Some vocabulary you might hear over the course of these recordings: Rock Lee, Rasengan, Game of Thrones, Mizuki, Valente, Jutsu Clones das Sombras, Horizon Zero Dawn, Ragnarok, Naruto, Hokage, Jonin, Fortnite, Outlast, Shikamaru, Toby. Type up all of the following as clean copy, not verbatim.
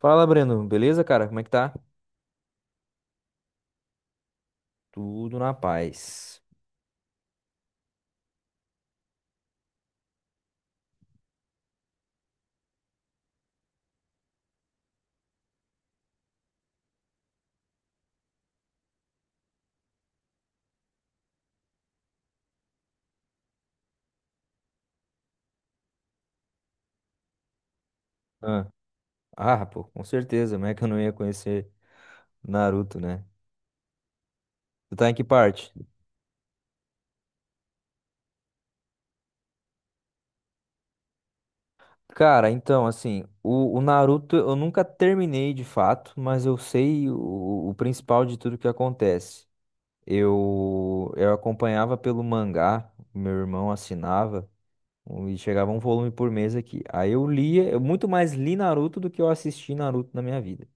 Fala, Breno. Beleza, cara? Como é que tá? Tudo na paz. Ah, ah, pô, com certeza. Como é que eu não ia conhecer Naruto, né? Tu tá em que parte? Cara, então, assim, o Naruto eu nunca terminei de fato, mas eu sei o principal de tudo que acontece. Eu acompanhava pelo mangá, meu irmão assinava, e chegava um volume por mês aqui. Aí eu lia, eu muito mais li Naruto do que eu assisti Naruto na minha vida.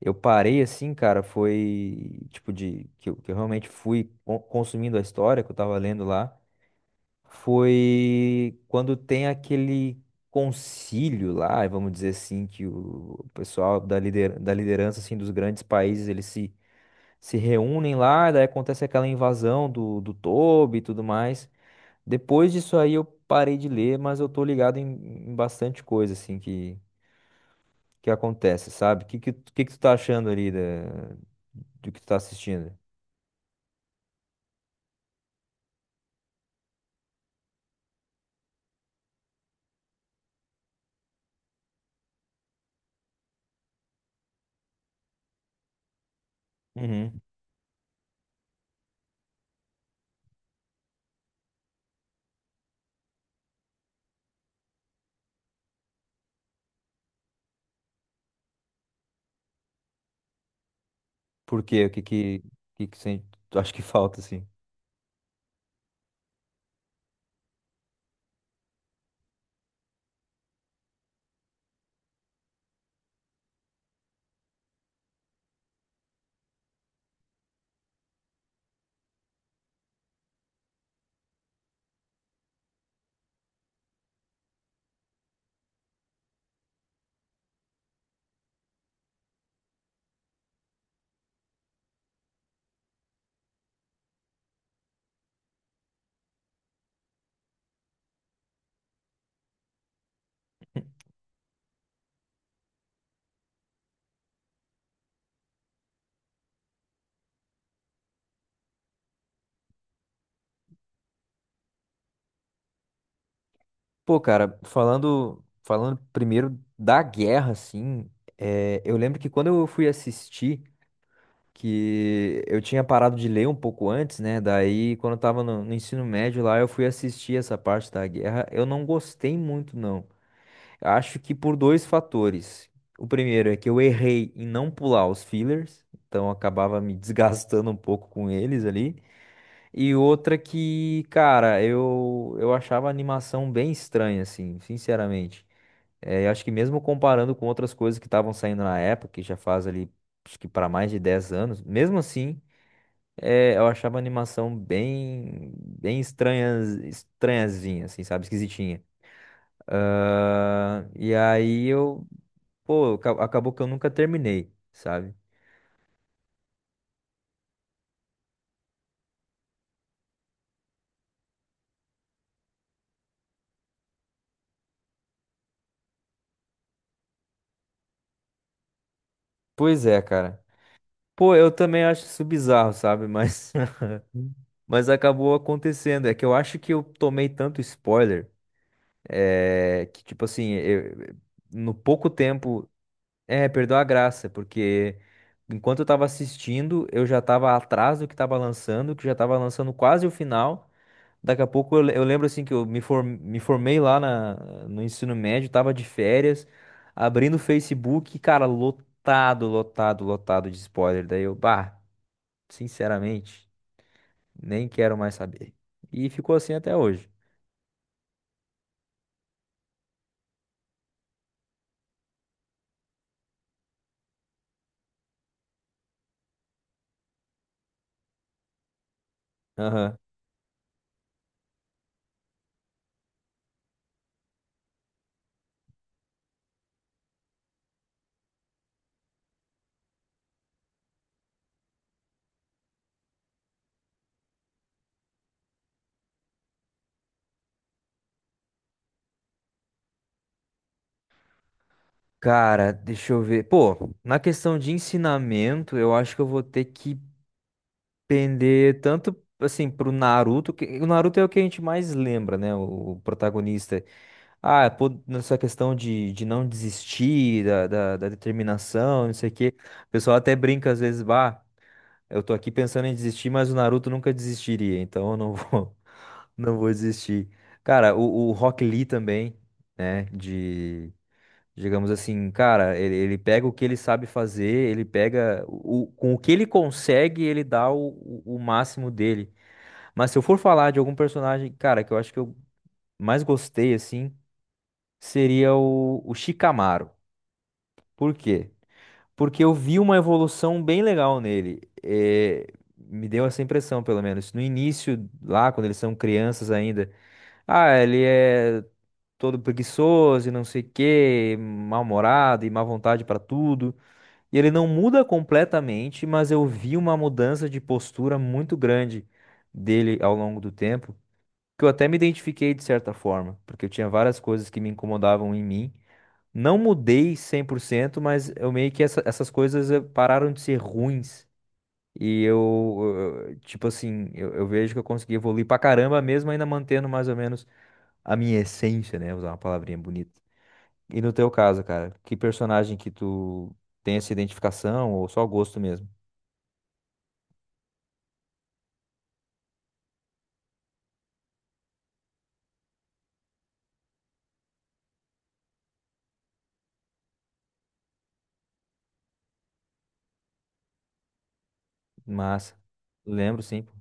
Eu parei assim, cara, foi tipo de que eu realmente fui consumindo a história que eu tava lendo lá, foi quando tem aquele concílio lá, vamos dizer assim, que o pessoal da liderança assim dos grandes países, eles se reúnem lá, daí acontece aquela invasão do Toby e tudo mais. Depois disso aí eu parei de ler, mas eu tô ligado em bastante coisa assim que acontece, sabe? O que, que, tu- Que tu tá achando ali do que tu tá assistindo? Uhum. Por quê? O que, que sen- Tu acha que falta, assim? Pô, cara, falando primeiro da guerra, assim, é, eu lembro que quando eu fui assistir, que eu tinha parado de ler um pouco antes, né? Daí, quando eu tava no, no ensino médio lá, eu fui assistir essa parte da guerra. Eu não gostei muito, não. Acho que por dois fatores. O primeiro é que eu errei em não pular os fillers, então eu acabava me desgastando um pouco com eles ali. E outra que, cara, eu achava a animação bem estranha, assim, sinceramente. É, eu acho que mesmo comparando com outras coisas que estavam saindo na época, que já faz ali, acho que para mais de 10 anos, mesmo assim, é, eu achava a animação bem, bem estranha, estranhazinha, assim, sabe, esquisitinha. Ah, e aí eu, pô, acabou que eu nunca terminei, sabe? Pois é, cara. Pô, eu também acho isso bizarro, sabe? Hum. Mas acabou acontecendo. É que eu acho que eu tomei tanto spoiler, é, que, tipo assim, no pouco tempo, é, perdeu a graça, porque enquanto eu tava assistindo, eu já tava atrás do que tava lançando, que já tava lançando quase o final. Daqui a pouco eu lembro, assim, que eu me formei lá no ensino médio, tava de férias, abrindo o Facebook, cara, lotado, lotado, lotado de spoiler. Daí eu, bah, sinceramente. Nem quero mais saber. E ficou assim até hoje. Aham. Cara, deixa eu ver. Pô, na questão de ensinamento, eu acho que eu vou ter que pender tanto assim pro Naruto, que o Naruto é o que a gente mais lembra, né? O protagonista. Ah, pô, nessa questão de não desistir, da determinação, não sei o quê. O pessoal até brinca às vezes, bah. Eu tô aqui pensando em desistir, mas o Naruto nunca desistiria, então eu não vou, não vou desistir. Cara, o Rock Lee também, né? De, digamos assim, cara, ele pega o que ele sabe fazer, ele pega com o que ele consegue, ele dá o máximo dele. Mas se eu for falar de algum personagem, cara, que eu acho que eu mais gostei, assim, seria o Shikamaru. Por quê? Porque eu vi uma evolução bem legal nele. É, me deu essa impressão, pelo menos. No início, lá, quando eles são crianças ainda, ah, ele é todo preguiçoso e não sei o quê, mal-humorado e má vontade pra tudo. E ele não muda completamente, mas eu vi uma mudança de postura muito grande dele ao longo do tempo, que eu até me identifiquei de certa forma, porque eu tinha várias coisas que me incomodavam em mim. Não mudei 100%, mas eu meio que essas coisas pararam de ser ruins. E eu, tipo assim, eu vejo que eu consegui evoluir pra caramba, mesmo ainda mantendo mais ou menos a minha essência, né? Usar uma palavrinha bonita. E no teu caso, cara, que personagem que tu tem essa identificação ou só gosto mesmo? Massa. Lembro, sim. Pô.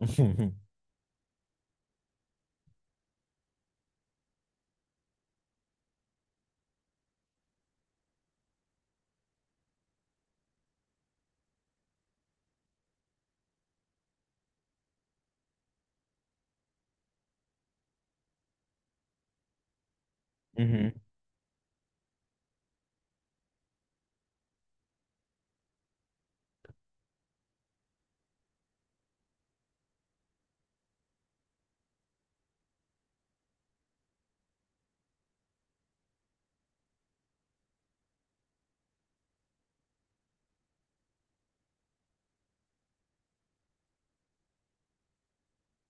Uhum.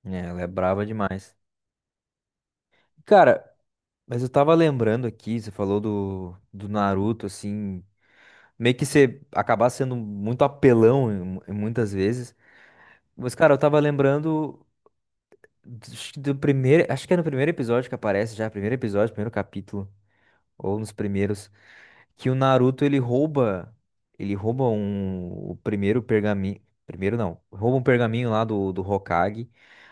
É, ela é brava demais. Cara, mas eu tava lembrando aqui, você falou do, do Naruto, assim. Meio que você acabar sendo muito apelão em muitas vezes. Mas, cara, eu tava lembrando do, acho que do primeiro. Acho que é no primeiro episódio que aparece já, primeiro episódio, primeiro capítulo, ou nos primeiros, que o Naruto ele rouba. Ele rouba um, o primeiro pergaminho. Primeiro não, rouba um pergaminho lá do, do Hokage,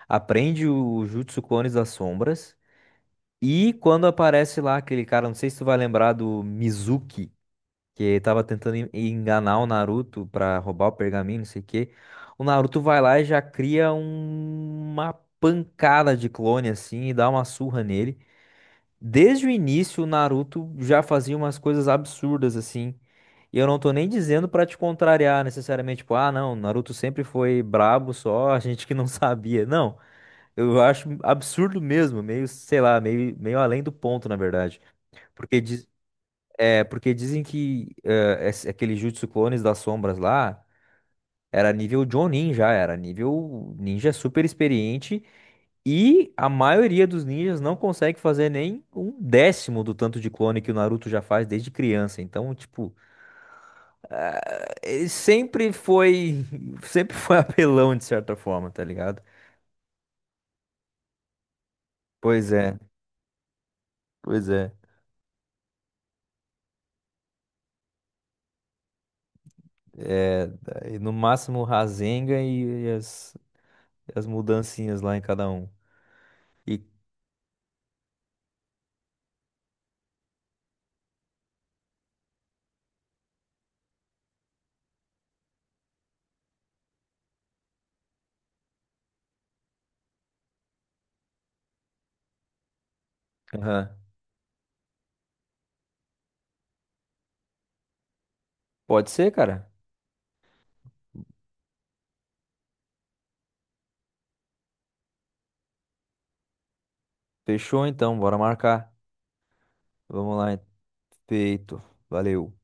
aprende o Jutsu Clones das Sombras. E quando aparece lá aquele cara, não sei se tu vai lembrar do Mizuki, que tava tentando enganar o Naruto pra roubar o pergaminho, não sei o quê. O Naruto vai lá e já cria uma pancada de clone assim e dá uma surra nele. Desde o início, o Naruto já fazia umas coisas absurdas assim. E eu não tô nem dizendo pra te contrariar necessariamente, tipo, ah, não, o Naruto sempre foi brabo só, a gente que não sabia. Não, eu acho absurdo mesmo, meio, sei lá, meio, meio além do ponto, na verdade. Porque diz- porque dizem que aquele Jutsu Clones das Sombras lá era nível Jonin já, era nível ninja super experiente e a maioria dos ninjas não consegue fazer nem um décimo do tanto de clone que o Naruto já faz desde criança. Então, tipo, sempre foi, sempre foi apelão de certa forma, tá ligado? Pois é, pois é. É, daí no máximo o Rasengan e as, mudancinhas lá em cada um. E, aham. Pode ser, cara. Fechou então, bora marcar. Vamos lá. Feito. Valeu.